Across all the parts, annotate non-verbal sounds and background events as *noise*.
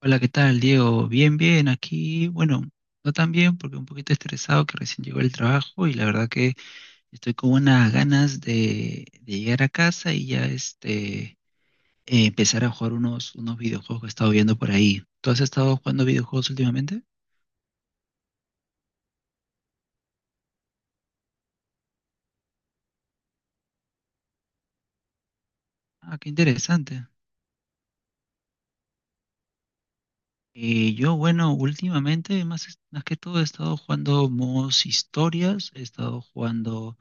Hola, ¿qué tal, Diego? Bien, bien, aquí, bueno, no tan bien porque un poquito estresado que recién llegó el trabajo, y la verdad que estoy con unas ganas de llegar a casa y ya este, empezar a jugar unos videojuegos que he estado viendo por ahí. ¿Tú has estado jugando videojuegos últimamente? Ah, qué interesante. Yo, bueno, últimamente, más, más que todo, he estado jugando modos historias, he estado jugando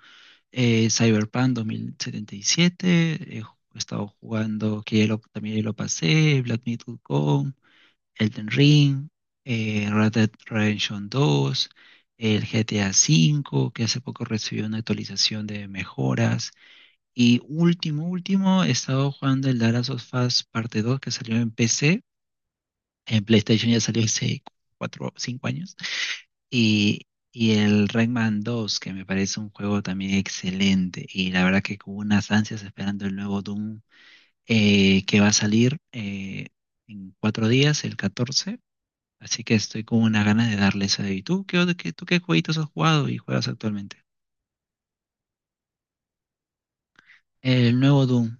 Cyberpunk 2077, he ju- he estado jugando, que ya lo- también ya lo pasé, Black Myth: Wukong, Elden Ring, Red Dead Redemption 2, el GTA V, que hace poco recibió una actualización de mejoras. Y último, último, he estado jugando el The Last of Us parte 2, que salió en PC. En PlayStation ya salió hace 4 o 5 años. Y el Rayman 2, que me parece un juego también excelente. Y la verdad que con unas ansias esperando el nuevo Doom que va a salir en 4 días, el 14. Así que estoy con unas ganas de darle eso. ¿Y tú qué, tú qué jueguitos has jugado y juegas actualmente? El nuevo Doom.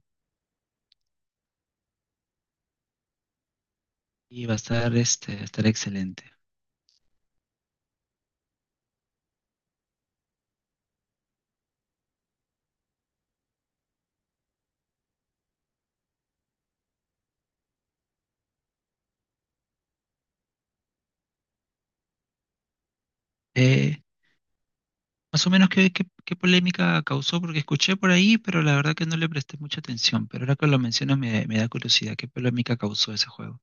Y va a estar, este, va a estar excelente. Eh, Más o menos qué, polémica causó, porque escuché por ahí, pero la verdad que no le presté mucha atención. Pero ahora que lo mencionas, me da curiosidad, ¿qué polémica causó ese juego?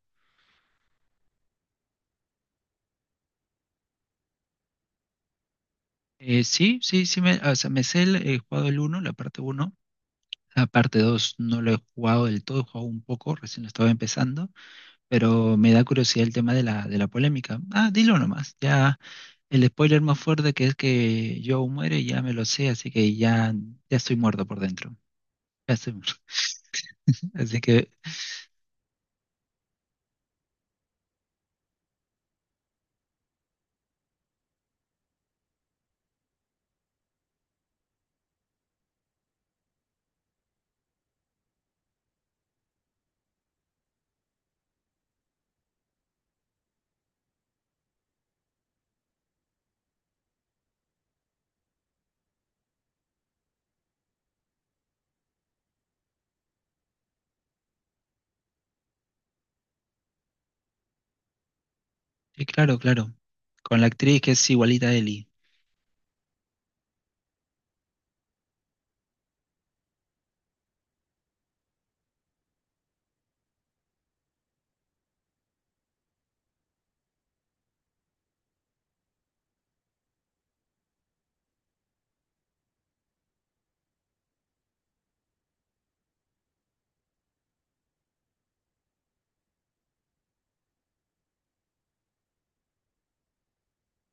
Sí, sí, sí, me, o sea, me sé el, he jugado el uno, la parte uno. La parte 2 no lo he jugado del todo, he jugado un poco, recién lo estaba empezando, pero me da curiosidad el tema de la polémica. Ah, dilo nomás. Ya el spoiler más fuerte, que es que Joe muere, ya me lo sé, así que ya, ya estoy muerto por dentro. Ya estoy muerto. *laughs* Así que sí, claro, claro. Con la actriz que es igualita a Ellie.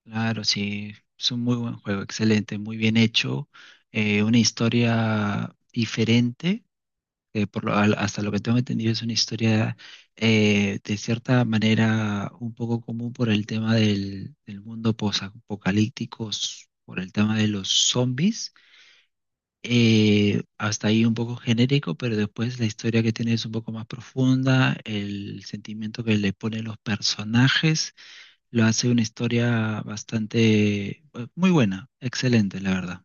Claro, sí, es un muy buen juego, excelente, muy bien hecho, una historia diferente que, hasta lo que tengo entendido, es una historia de cierta manera un poco común por el tema del mundo posapocalíptico, por el tema de los zombies. Hasta ahí un poco genérico, pero después la historia que tiene es un poco más profunda, el sentimiento que le ponen los personajes lo hace una historia bastante muy buena, excelente, la verdad.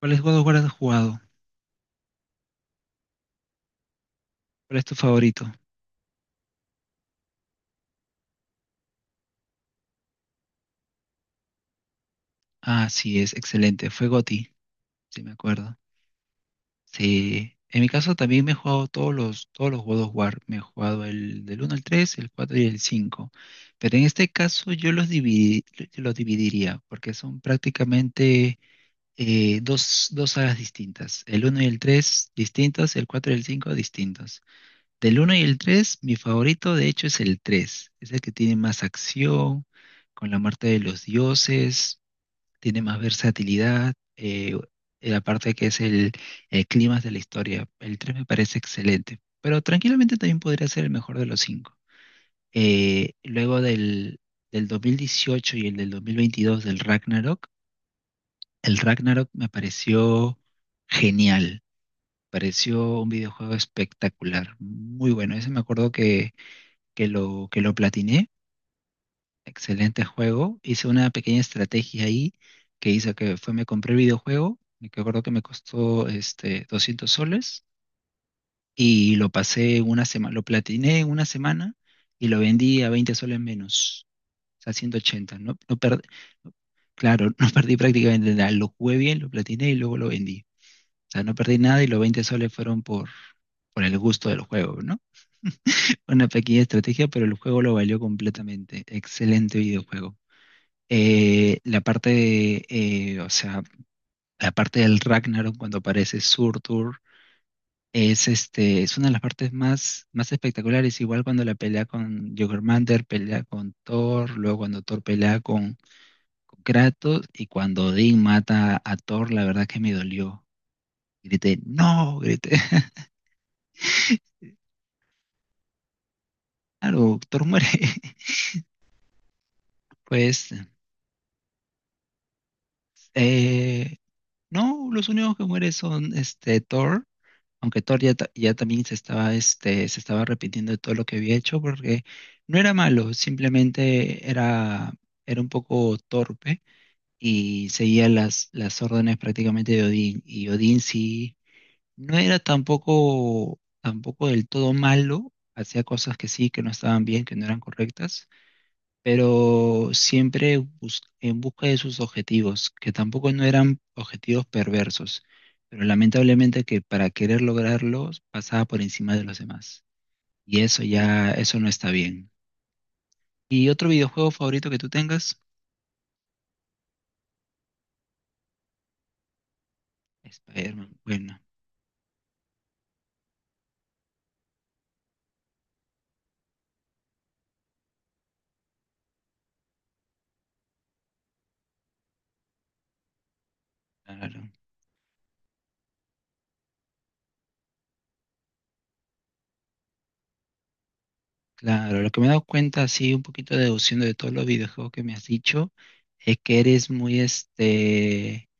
¿Cuál es God of War has jugado? ¿Cuál es tu favorito? Ah, sí, es excelente. Fue GOTY. Sí, me acuerdo. Sí, en mi caso también me he jugado todos los todos los God of War. Me he jugado el del uno al 3, el 4 y el 5. Pero en este caso yo yo los dividiría porque son prácticamente dos sagas distintas. El uno y el 3 distintos, el 4 y el 5 distintos. Del uno y el 3 mi favorito de hecho es el 3. Es el que tiene más acción, con la muerte de los dioses tiene más versatilidad, aparte que es el clima de la historia. El 3 me parece excelente, pero tranquilamente también podría ser el mejor de los cinco. Luego del 2018 y el del 2022, del Ragnarok, el Ragnarok me pareció genial, pareció un videojuego espectacular, muy bueno. Ese me acuerdo que lo platiné. Excelente juego. Hice una pequeña estrategia ahí, que hice que fue me compré el videojuego, me acuerdo que me costó este 200 soles y lo pasé en una semana, lo platiné en una semana y lo vendí a 20 soles menos, o sea, 180. No, no, claro, *laughs* no perdí prácticamente nada. Lo jugué bien, lo platiné y luego lo vendí. O sea, no perdí nada, y los 20 soles fueron por el gusto del juego, ¿no? *laughs* Una pequeña estrategia, pero el juego lo valió completamente. Excelente videojuego. La parte de, o sea, la parte del Ragnarok cuando aparece Surtur es, este, es una de las partes más, más espectaculares. Igual cuando la pelea con Jörmungandr, pelea con Thor, luego cuando Thor pelea con, Kratos y cuando Odín mata a Thor, la verdad que me dolió. Grité, no, grité. *laughs* Claro, Thor muere. *laughs* Pues eh, no, los únicos que mueren son, este, Thor, aunque Thor ya, ya también se estaba, este, se estaba arrepintiendo de todo lo que había hecho, porque no era malo, simplemente era, un poco torpe y seguía las órdenes prácticamente de Odín. Y Odín sí no era tampoco, tampoco del todo malo, hacía cosas que sí, que no estaban bien, que no eran correctas, pero siempre en busca de sus objetivos, que tampoco no eran objetivos perversos, pero lamentablemente que para querer lograrlos pasaba por encima de los demás. Y eso ya, eso no está bien. ¿Y otro videojuego favorito que tú tengas? Spider-Man. Bueno, claro. Claro, lo que me he dado cuenta, así un poquito deduciendo de todos los videojuegos que me has dicho, es que eres muy este,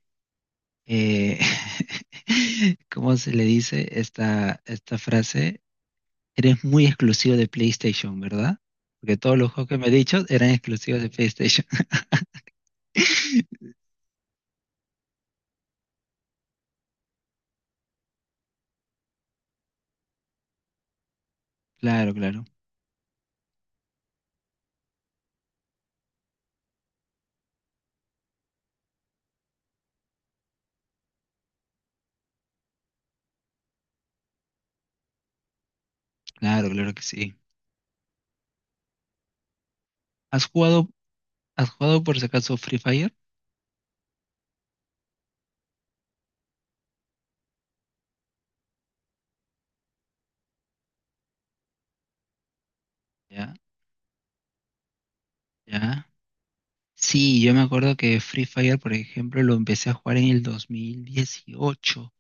eh, *laughs* ¿cómo se le dice esta frase? Eres muy exclusivo de PlayStation, ¿verdad? Porque todos los juegos que me he dicho eran exclusivos de PlayStation. *laughs* Claro, claro, claro, claro que sí. ¿Has jugado, por si acaso, Free Fire? Ya, ya. Sí, yo me acuerdo que Free Fire, por ejemplo, lo empecé a jugar en el 2018,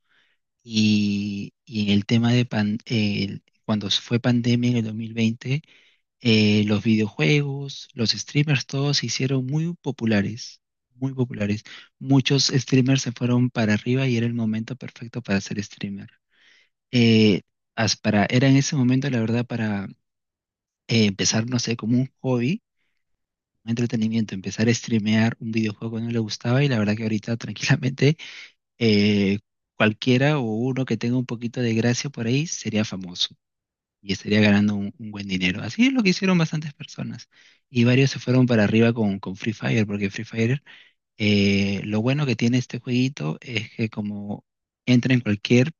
y en el tema cuando fue pandemia en el 2020. Los videojuegos, los streamers, todos se hicieron muy populares, muy populares. Muchos streamers se fueron para arriba y era el momento perfecto para ser streamer. Eh, era en ese momento, la verdad, para empezar, no sé, como un hobby, un entretenimiento, empezar a streamear un videojuego que no le gustaba, y la verdad que ahorita *laughs* tranquilamente eh, cualquiera o uno que tenga un poquito de gracia por ahí sería famoso y estaría ganando un buen dinero. Así es lo que hicieron bastantes personas. Y varios se fueron para arriba con, Free Fire, porque Free Fire, lo bueno que tiene este jueguito es que como entra en cualquier,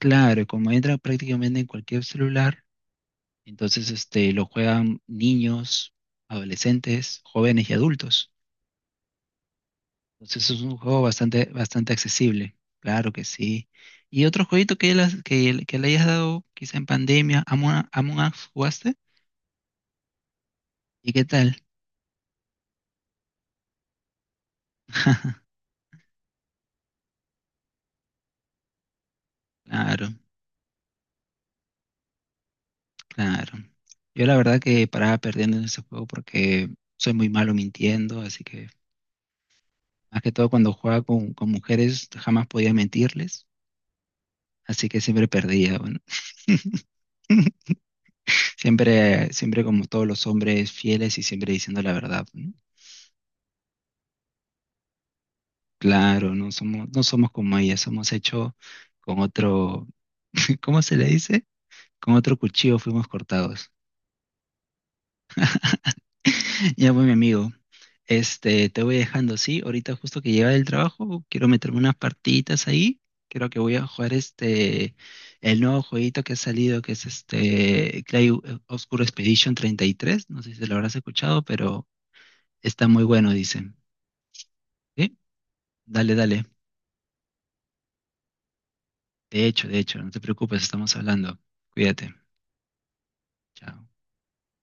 claro, como entra prácticamente en cualquier celular, entonces este, lo juegan niños, adolescentes, jóvenes y adultos. Entonces es un juego bastante, bastante accesible, claro que sí. ¿Y otro jueguito que, las has- que le hayas dado quizá en pandemia, Among Us, jugaste? ¿Y qué tal? *laughs* Claro, claro. Yo la verdad que paraba perdiendo en ese juego porque soy muy malo mintiendo, así que más que todo cuando jugaba con, mujeres jamás podía mentirles, así que siempre perdía, bueno. *laughs* Siempre, siempre como todos los hombres fieles y siempre diciendo la verdad, ¿no? Claro, no somos como ellas, somos hechos con otro, *laughs* ¿cómo se le dice? Con otro cuchillo fuimos cortados. *laughs* Ya, pues, mi amigo. Este, te voy dejando, sí. Ahorita justo que llega del trabajo, quiero meterme unas partiditas ahí. Creo que voy a jugar este, el nuevo jueguito que ha salido, que es este Clay Obscure Expedition 33. No sé si lo habrás escuchado, pero está muy bueno, dicen. ¿Sí? Dale, dale. De hecho, no te preocupes, estamos hablando. Cuídate. Chao.